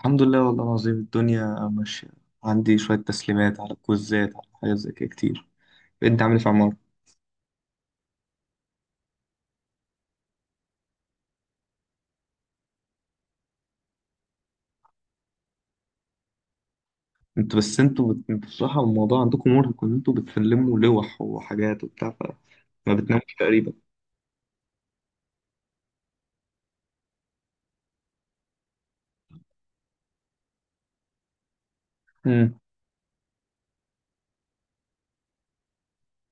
الحمد لله والله العظيم، الدنيا ماشية. عندي شوية تسليمات على كوزات، على حاجات زي كده كتير. انت عامل ايه في عمارة؟ انتوا بس انتوا بت... انتوا بصراحة الموضوع عندكم مرهق ان انتوا بتسلموا لوح وحاجات وبتاع فما بتناموش تقريبا. امم.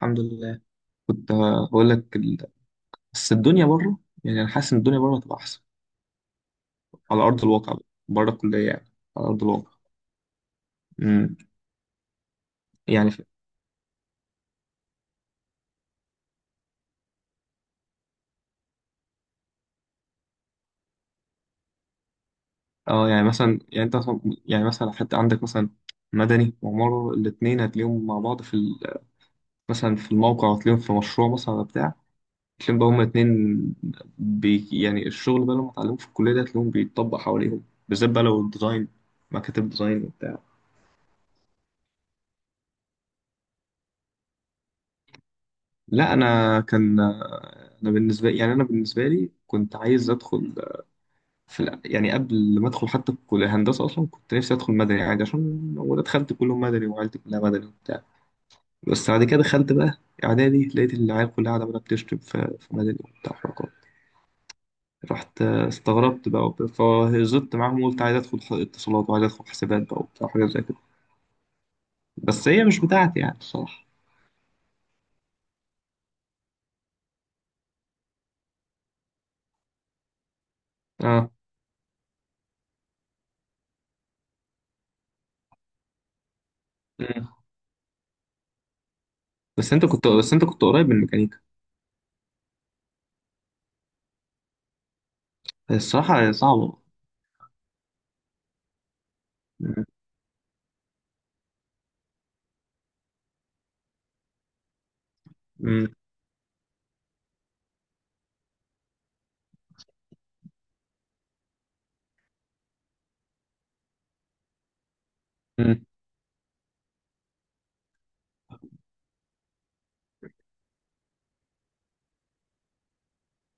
الحمد لله. كنت هقول لك بس الدنيا بره. يعني انا حاسس ان الدنيا بره هتبقى احسن على ارض الواقع بقى. بره الكلية يعني، على ارض الواقع. امم. يعني اه يعني مثلا، يعني مثلا حتى عندك مثلا مدني وعمارة الاتنين هتلاقيهم مع بعض في مثلا في الموقع، وتلاقيهم في مشروع مثلا ولا بتاع. تلاقيهم بقى هما اتنين. يعني الشغل بقى لما اتعلموه في الكلية ده تلاقيهم بيتطبق حواليهم، بالذات بقى لو الديزاين، مكاتب ديزاين وبتاع. لا، أنا كان أنا بالنسبة يعني أنا بالنسبة لي كنت عايز أدخل يعني قبل ما أدخل حتى كلية هندسة أصلا كنت نفسي أدخل مدني عادي، عشان أنا دخلت كلهم مدني وعيلتي كلها مدني وبتاع. بس بعد كده دخلت بقى إعدادي، لقيت العيال كلها قاعدة بقى بتشتم في مدني وبتاع. رحت استغربت بقى وبتاع، فهزت معاهم وقلت عايز ادخل اتصالات، وعايز ادخل حسابات بقى وبتاع، حاجات زي كده. بس هي مش بتاعتي يعني الصراحة. اه. مم. بس انت كنت قريب من الميكانيكا. الصراحة، هي الصراحة صعبة. مم. مم. مم.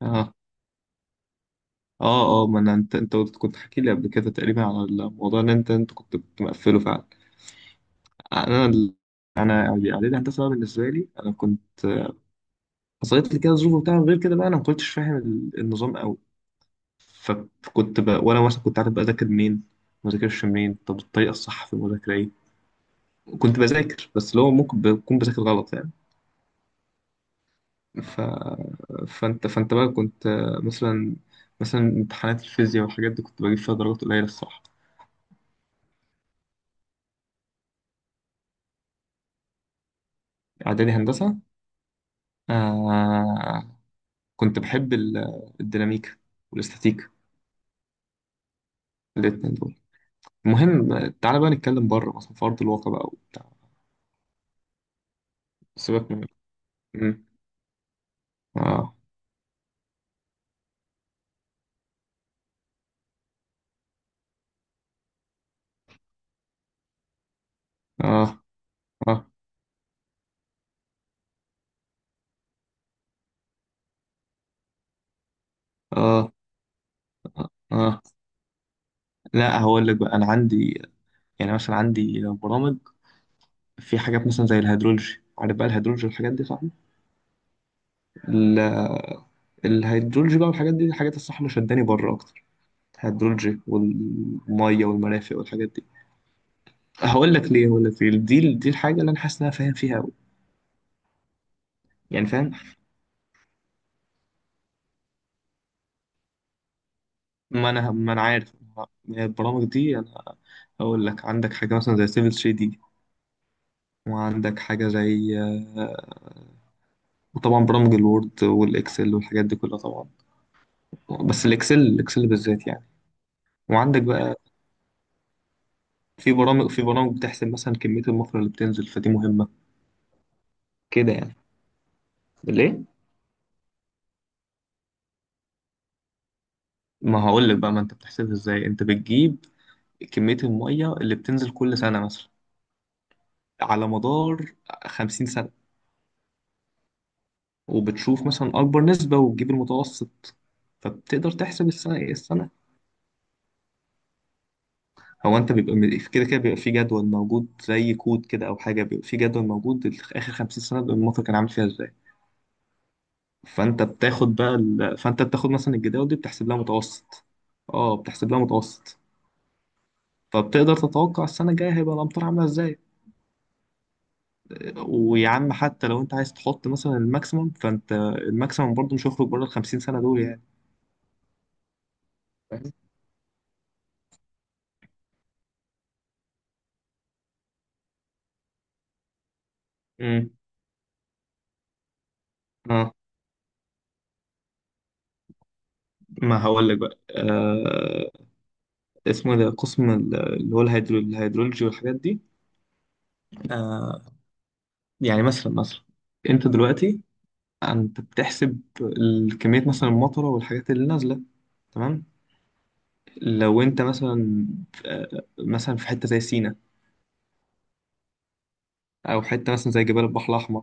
اه، اه، اه، ما انا كنت حكي لي قبل كده تقريبا على الموضوع ان انت كنت مقفله فعلا. انا ال- انا اعدادي هندسة بقى، بالنسبة لي انا كنت حصلت لي كده ظروف وبتاع، غير كده بقى انا ما كنتش فاهم النظام قوي. فكنت بقى، وانا مثلا كنت عارف بذاكر منين، ما بذاكرش منين، طب الطريقه الصح في المذاكره ايه. كنت بذاكر بس اللي هو ممكن بكون بذاكر غلط يعني. ف... فانت بقى كنت مثلا، امتحانات الفيزياء والحاجات دي كنت بجيب فيها درجات قليله الصراحه. اعدادي هندسه. آه... كنت بحب الديناميكا والاستاتيكا، الاتنين دول. المهم، تعالى بقى نتكلم بره مثلا في ارض الواقع بقى وبتاع. سيبك من. مم. اه، اه، اه، اه، اه. آه. لا، هقول لك بقى انا عندي، يعني مثلا عندي برامج في حاجات مثلا زي الهيدرولوجي، عارف بقى الهيدرولوجي والحاجات دي صح. ال- الهيدرولوجي بقى والحاجات دي، الحاجات الصح اللي شداني بره اكتر، الهيدرولوجي والميه والمرافق والحاجات دي. هقول لك ليه، دي الحاجه اللي انا حاسس ان انا فاهم فيها قوي. يعني فاهم، ما انا عارف البرامج دي. انا هقول لك، عندك حاجه مثلا زي سيفل 3 دي، وعندك حاجه زي آه، وطبعا برامج الوورد والاكسل والحاجات دي كلها طبعا. بس الاكسل بالذات يعني. وعندك بقى في برامج بتحسب مثلا كمية المصر اللي بتنزل، فدي مهمة. كده يعني. ليه؟ ما هقول لك بقى. ما انت بتحسبها ازاي، انت بتجيب كمية المية اللي بتنزل كل سنة مثلا على مدار 50 سنة، وبتشوف مثلا أكبر نسبة وتجيب المتوسط، فبتقدر تحسب السنة إيه السنة. هو أنت بيبقى كده كده بيبقى في جدول موجود زي كود كده، أو حاجة بيبقى في جدول موجود آخر 50 سنة المصر كان عامل فيها ازاي. فانت بتاخد بقى ال... فانت بتاخد مثلا الجداول دي، بتحسب لها متوسط. اه، بتحسب لها متوسط. فبتقدر تتوقع السنه الجايه هيبقى الامطار عامله ازاي. ويا عم، حتى لو انت عايز تحط مثلا الماكسيمم، الماكسيمم برضه مش هيخرج بره ال 50 سنه دول يعني. امم. اه. ما هقول لك بقى. اسمه إيه ده، قسم اللي هو الهيدرولوجي والحاجات دي. آه يعني مثلا، انت دلوقتي انت بتحسب الكميه مثلا، المطره والحاجات اللي نازله. تمام. لو انت مثلا آه، مثلا في حته زي سينا، او حته مثلا زي جبال البحر الاحمر.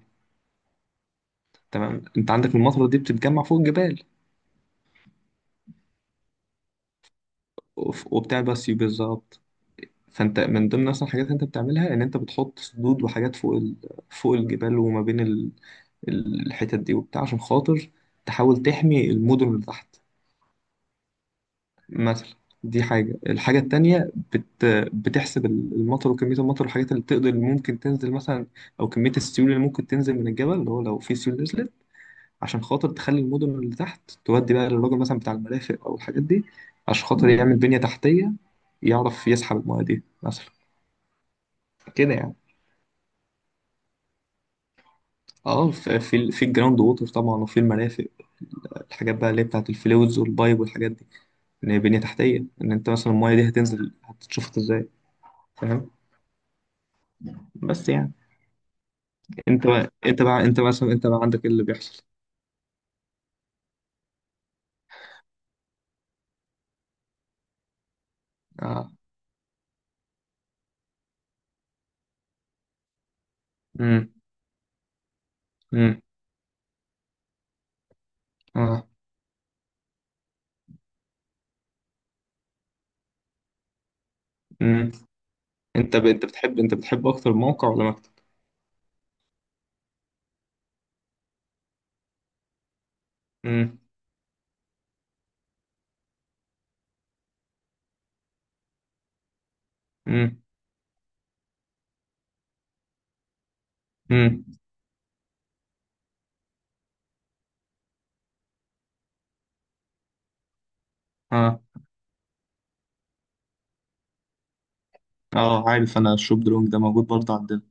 تمام، انت عندك المطره دي بتتجمع فوق الجبال. وبتعمل سيول بالظبط. فانت من ضمن اصلا الحاجات اللي انت بتعملها ان انت بتحط سدود وحاجات فوق الجبال، وما بين الحتت دي وبتاع، عشان خاطر تحاول تحمي المدن اللي تحت مثلا. دي حاجة. الحاجة التانية بتحسب المطر وكمية المطر والحاجات اللي تقدر اللي ممكن تنزل مثلا، أو كمية السيول اللي ممكن تنزل من الجبل، اللي هو لو في سيول نزلت عشان خاطر تخلي المدن اللي تحت تودي بقى للراجل مثلا بتاع المرافق أو الحاجات دي، عشان خاطر يعمل بنية تحتية يعرف يسحب المياه دي مثلا. كده يعني. اه، في الجراوند ووتر طبعا، وفي المرافق، الحاجات بقى اللي هي بتاعت الفلوز والبايب والحاجات دي، ان هي بنية تحتية، ان انت مثلا المايه دي هتنزل هتتشفط ازاي. فاهم. بس يعني انت بقى، انت عندك ايه اللي بيحصل. اه. امم. امم. اه. امم. انت بتحب اكتر موقع ولا مكتب؟ امم. امم. امم. اه. اه، عارف انا الشوب درونج ده موجود برضه عندنا.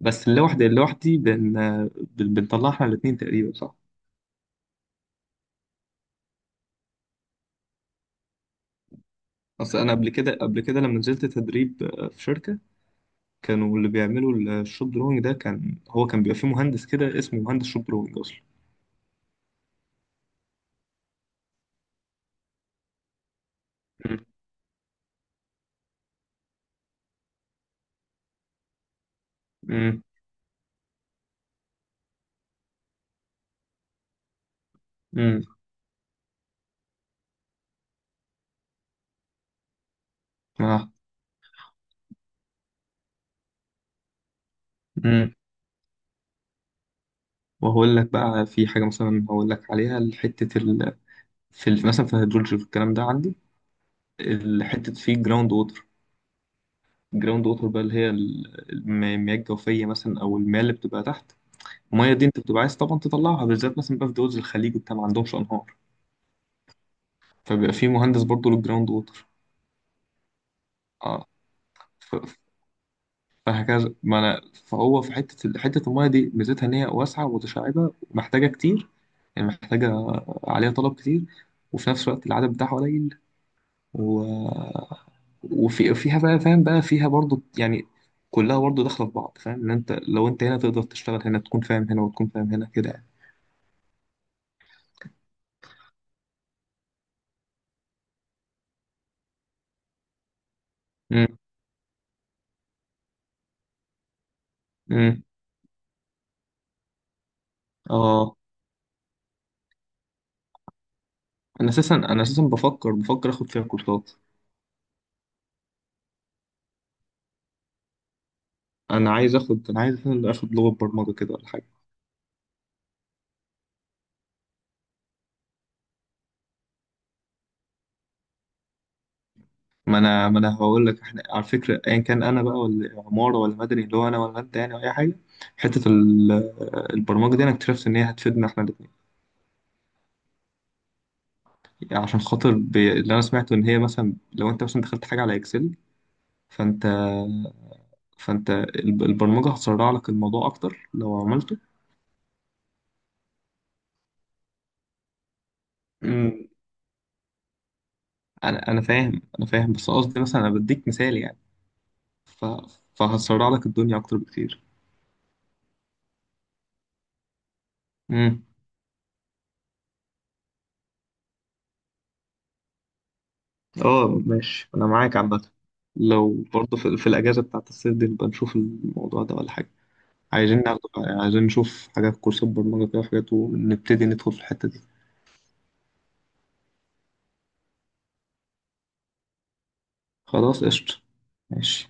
بس اللي لوحدي بنطلع احنا الاتنين تقريبا، صح؟ اصل انا قبل كده، لما نزلت تدريب في شركة، كانوا اللي بيعملوا الشوب درونج ده كان هو، بيبقى فيه مهندس كده اسمه مهندس شوب درونج اصلا. امم. امم. اه. امم. وهقول لك بقى في حاجة مثلا، هقول لك عليها، حتة مثلا في الهيدرولوجي، في الكلام ده عندي حتة فيه جراوند ووتر. جراوند ووتر بقى اللي هي المياه الجوفية مثلا، أو المياه اللي بتبقى تحت. الميه دي انت بتبقى عايز طبعا تطلعها، بالذات مثلا بقى في دول زي الخليج وبتاع ما عندهمش انهار، فبيبقى في مهندس برضه للجراوند ووتر. اه. ف- فهكذا ما انا. فهو في حته الميه دي ميزتها ان هي واسعه ومتشعبه ومحتاجه كتير، يعني محتاجه، عليها طلب كتير، وفي نفس الوقت العدد بتاعها قليل. و... وفي فيها بقى، فاهم بقى فيها برضه يعني، كلها برضه داخله في بعض، فاهم ان انت لو انت هنا تقدر تشتغل هنا، تكون فاهم هنا وتكون فاهم هنا كده يعني. امم. امم. اه. انا اساسا بفكر اخد فيها كورسات. انا عايز أساساً اخد لغه برمجه كده ولا حاجه. ما انا هقول لك، احنا على فكره ايا كان انا بقى ولا عماره ولا مدني، اللي هو انا ولا انت يعني، أو اي حاجه، حته البرمجه دي انا اكتشفت ان هي هتفيدنا احنا الاثنين. يعني عشان خاطر اللي انا سمعته ان هي مثلا لو انت مثلا دخلت حاجه على اكسل، فانت، البرمجه هتسرع لك الموضوع اكتر لو عملته. أمم. انا فاهم، بس قصدي مثلا انا بديك مثال يعني. ف... فهسرع لك الدنيا اكتر بكتير. امم. اه ماشي، انا معاك عامه. لو برضه في الاجازه بتاعت الصيف دي نبقى نشوف الموضوع ده ولا حاجه. عايزين ناخد... عايزين نشوف حاجات، كورسات برمجه كده وحاجات، ونبتدي ندخل في الحته دي. خلاص قشطه. ماشي.